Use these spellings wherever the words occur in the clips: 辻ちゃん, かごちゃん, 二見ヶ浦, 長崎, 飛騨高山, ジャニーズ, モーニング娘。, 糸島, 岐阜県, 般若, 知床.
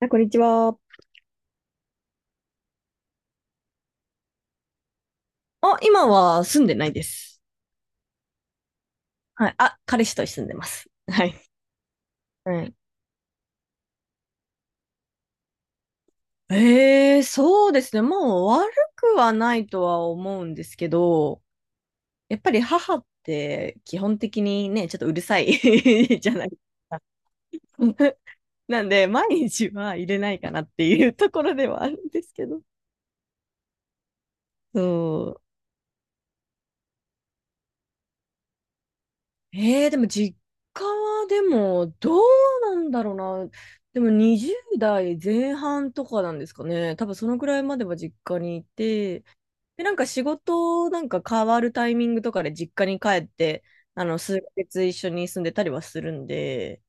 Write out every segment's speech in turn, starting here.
あ、こんにちは。あ、今は住んでないです。はい。あ、彼氏と住んでます。はい。はい。ええ、そうですね。もう悪くはないとは思うんですけど、やっぱり母って基本的にね、ちょっとうるさい じゃないですか。なんで、毎日は入れないかなっていうところではあるんですけど。そう、でも実家はでもどうなんだろうな。でも20代前半とかなんですかね。多分そのくらいまでは実家にいて、で、なんか仕事なんか変わるタイミングとかで実家に帰って、数ヶ月一緒に住んでたりはするんで、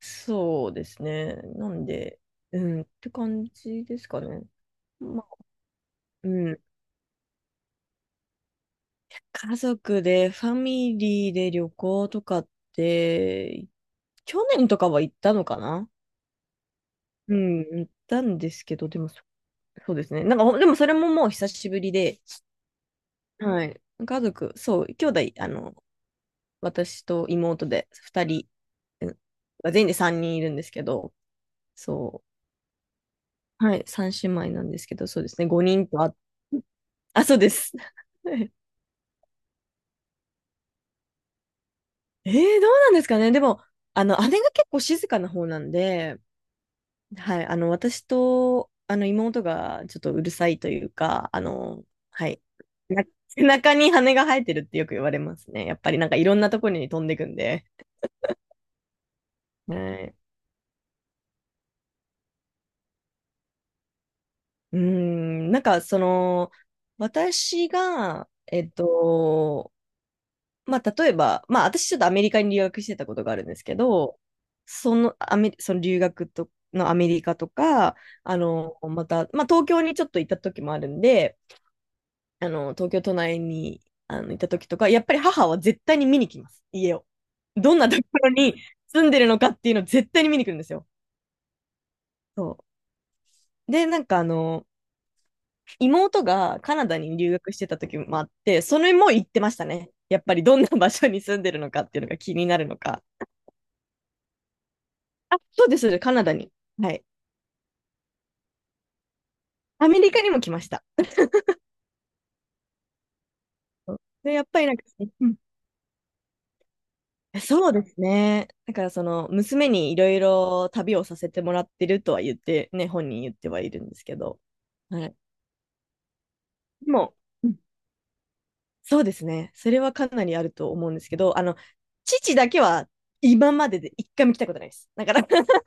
そうですね。なんで、うん、って感じですかね。まあ、うん。家族で、ファミリーで旅行とかって、去年とかは行ったのかな？うん、行ったんですけど、でもそうですね。なんか、でもそれももう久しぶりで、はい。家族、そう、兄弟、私と妹で2人、うん全員で3人いるんですけど、そう、はい、3姉妹なんですけど、そうですね、5人とあ、あ、そうです。えー、どうなんですかね。でも、姉が結構静かな方なんで、はい、私と、妹がちょっとうるさいというか、はい。背中に羽が生えてるってよく言われますね。やっぱりなんかいろんなところに飛んでくんで。はい。うーん、なんか私が、まあ、例えば、まあ、私ちょっとアメリカに留学してたことがあるんですけど、その、その留学と、のアメリカとか、また、まあ、東京にちょっと行った時もあるんで、東京都内にいた時とか、やっぱり母は絶対に見に来ます、家を。どんなところに住んでるのかっていうのを絶対に見に来るんですよ。そう。で、なんか妹がカナダに留学してた時もあって、それも行ってましたね。やっぱりどんな場所に住んでるのかっていうのが気になるのか。あ、そうです、カナダに。はい。アメリカにも来ました。そうで、やっぱりなんか、うん、そうですね。だからその娘にいろいろ旅をさせてもらってるとは言ってね、本人言ってはいるんですけど。はい。でも、うん、そうですね。それはかなりあると思うんですけど、父だけは今までで一回も来たことないです。だから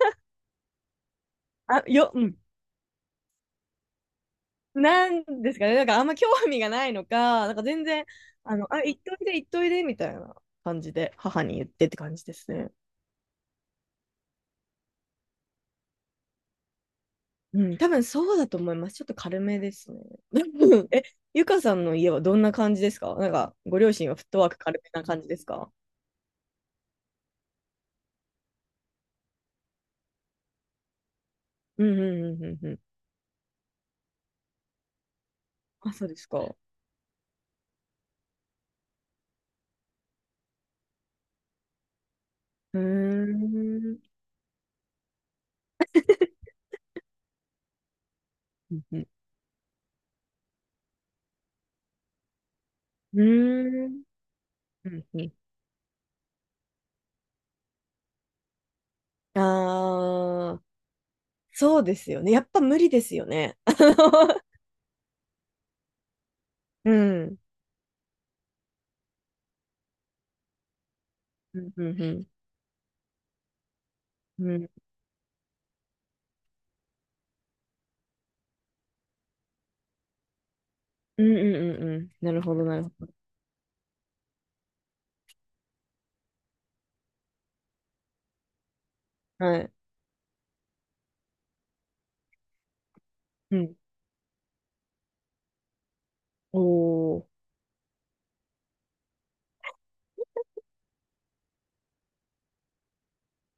あ、うん。なんですかね。なんかあんま興味がないのか、なんか全然、あ、行っといで、行っといで、みたいな感じで母に言ってって感じですね。うん、多分そうだと思います。ちょっと軽めですね。え、ゆかさんの家はどんな感じですか？なんか、ご両親はフットワーク軽めな感じですか？うんうんうんうんうん。あ、そうですか。うーん。うんうん。うーん。うんうん、ああ、そうですよね。やっぱ無理ですよね。うん。うんうんうん。うんうんうんうんうん。なるほど、なるほど。はい。うん。おー。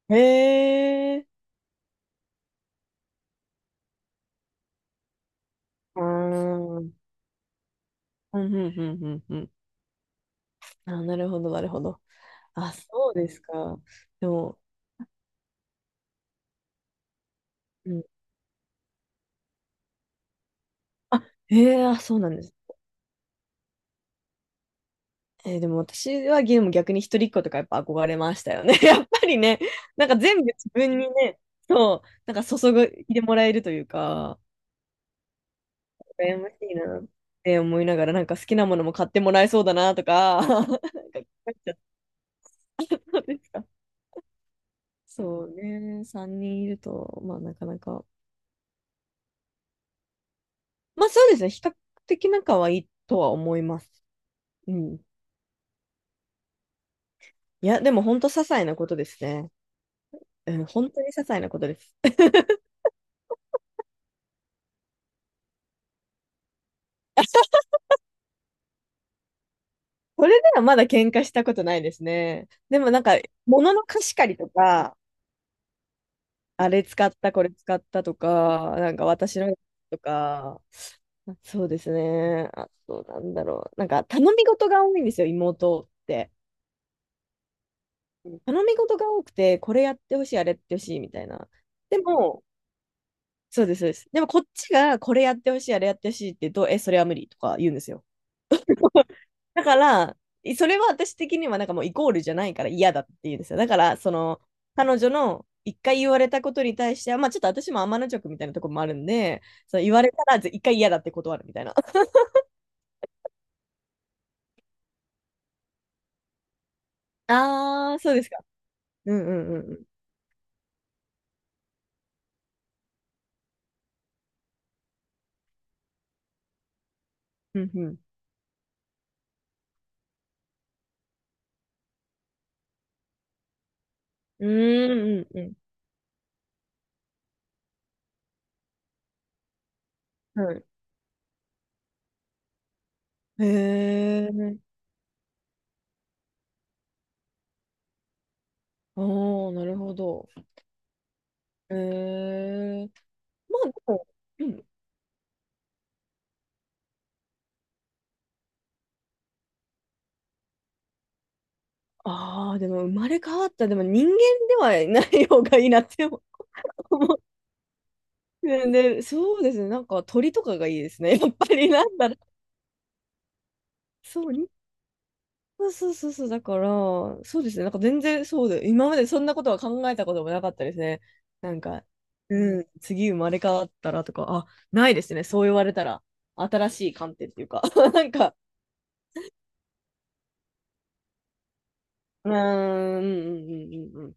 へえ。あー。うんうんうんうんうん。あ、なるほど、なるほど。あ、そうですか。でも、うん。あ、ええ、あ、そうなんです。でも私はゲーム逆に一人っ子とかやっぱ憧れましたよね。やっぱりね、なんか全部自分にね、そう、なんか注いでもらえるというか、羨ましいなって思いながら、なんか好きなものも買ってもらえそうだなとか、なんか考えちゃったんですか。そうね、3人いると、まあなかなか、まあそうですね、比較的仲はいいとは思います。うん。いや、でも本当些細なことですね。うん、本当に些細なことです。それではまだ喧嘩したことないですね。でもなんか、物の貸し借りとか、あれ使った、これ使ったとか、なんか私のとか、そうですね。あと、なんだろう。なんか、頼み事が多いんですよ、妹って。頼み事が多くて、これやってほしい、あれやってほしい、みたいな。でも、そうです、そうです。でも、こっちが、これやってほしい、あれやってほしいって言うと、え、それは無理とか言うんですよ。だから、それは私的にはなんかもうイコールじゃないから嫌だっていうんですよ。だから、その、彼女の一回言われたことに対しては、まあちょっと私も天の直みたいなところもあるんで、その言われたらぜ一回嫌だって断るみたいな。ああ、そうですか。うんうんうんうん。うんうん。うーん、うんうん。はい。へえ。おー、なるほど。へえ。まあでも、うん、ああ、でも生まれ変わった、でも人間ではない方がいいなって思う。ねで、そうですね。なんか鳥とかがいいですね。やっぱりなんだろう。そう、そうそうそうそう。だから、そうですね。なんか全然そうで、今までそんなことは考えたこともなかったですね。なんか、うん、次生まれ変わったらとか、あ、ないですね。そう言われたら、新しい観点っていうか、なんか、うーん、うんうんうんうんうん。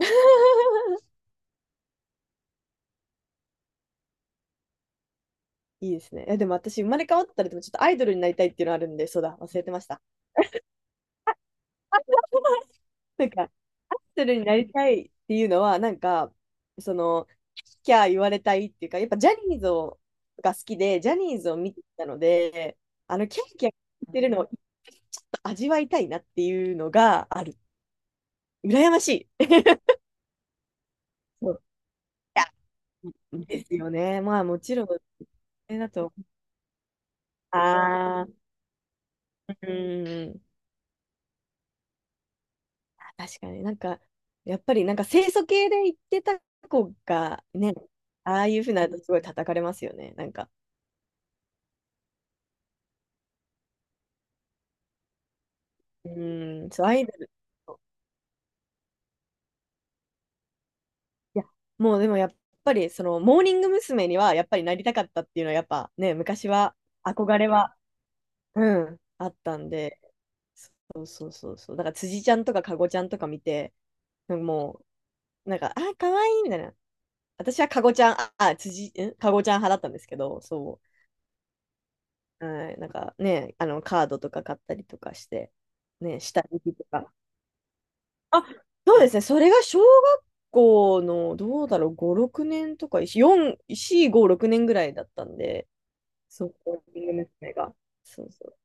いいですね。え、でも私、生まれ変わったら、でもちょっとアイドルになりたいっていうのあるんで、そうだ、忘れてました。なんか、アッセルになりたいっていうのは、なんか、その、キャー言われたいっていうか、やっぱジャニーズが好きで、ジャニーズを見てたので、キャーキャー言ってるのをちょっと味わいたいなっていうのがある。羨ましい。そうですよね。まあ、もちろん、それだと。ああ、うん。確かになんか、やっぱりなんか清楚系で言ってた子がね、ああいうふうになるとすごい叩かれますよね。なんか。うーん、そう、アイドル。いや、もうでもやっぱり、その、モーニング娘。にはやっぱりなりたかったっていうのは、やっぱね、昔は、憧れは、うん、あったんで、そうそうそうそう。だから辻ちゃんとかかごちゃんとか見て、なんかもう、なんか、あ、かわいいみたいな。私はかごちゃん、あ、あ辻、んかごちゃん派だったんですけど、そう。はい、なんかね、カードとか買ったりとかして、ね、下敷きとか。あ、そうですね。それが小学校の、どうだろう、5、6年とか、4、4、5、6年ぐらいだったんで、そう、コーティング娘。が。そうそう。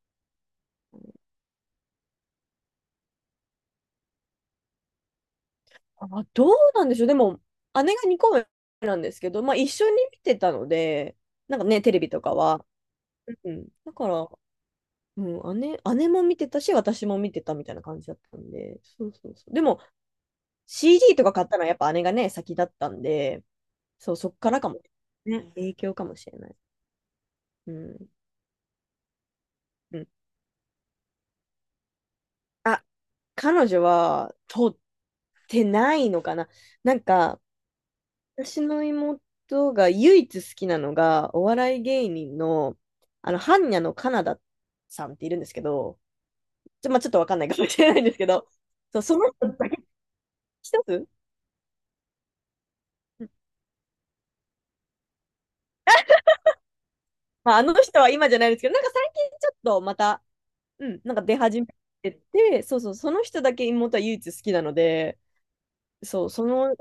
あ、どうなんでしょう。でも、姉が2個目なんですけど、まあ、一緒に見てたので、なんかね、テレビとかは。うん。だから、うん、姉も見てたし、私も見てたみたいな感じだったんで、そうそうそう。でも、CD とか買ったのはやっぱ姉がね、先だったんで、そう、そっからかも。ね、影響かもしれない。うん。うん、あ、彼女は取ってないのかな。なんか、私の妹が唯一好きなのが、お笑い芸人の、般若のカナダさんっているんですけど、まあ、ちょっとわかんないかもしれないんですけど、そう、その人だけ一つ、まあ、あの人は今じゃないですけど、なんか最近ちょっとまた、うん、なんか出始めてて、そうそう、その人だけ妹は唯一好きなので、そう、い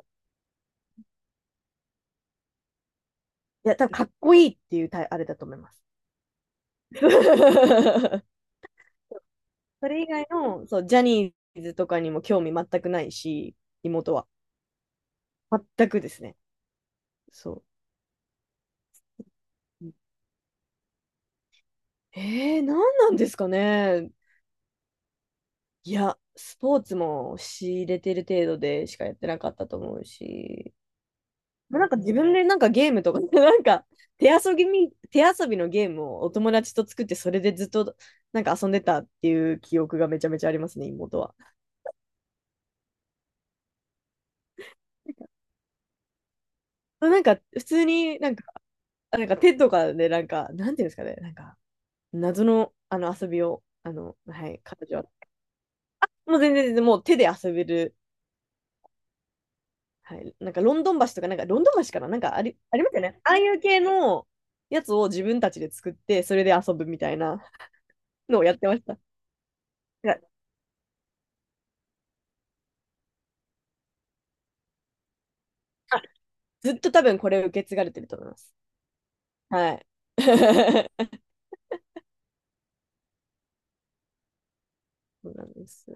や、多分かっこいいっていうタイあれだと思います。それ以外の、そう、ジャニーズとかにも興味全くないし、妹は。全くですね。そう。何なんですかね。いや、スポーツも仕入れてる程度でしかやってなかったと思うし、まあなんか自分でなんかゲームとか、なんか手遊びのゲームをお友達と作って、それでずっとなんか遊んでたっていう記憶がめちゃめちゃありますね、妹は。なんか普通になんか、なんか手とかでなんか、なんていうんですかね、なんか謎の、遊びを、はい、彼女は。もう全然全然もう手で遊べる。はい、なんかロンドン橋とか、なんかロンドン橋かななんかありますよね。ああいう系のやつを自分たちで作って、それで遊ぶみたいなのをやってました。いやあずっと多分これ受け継がれてると思います。はい。そうなんです。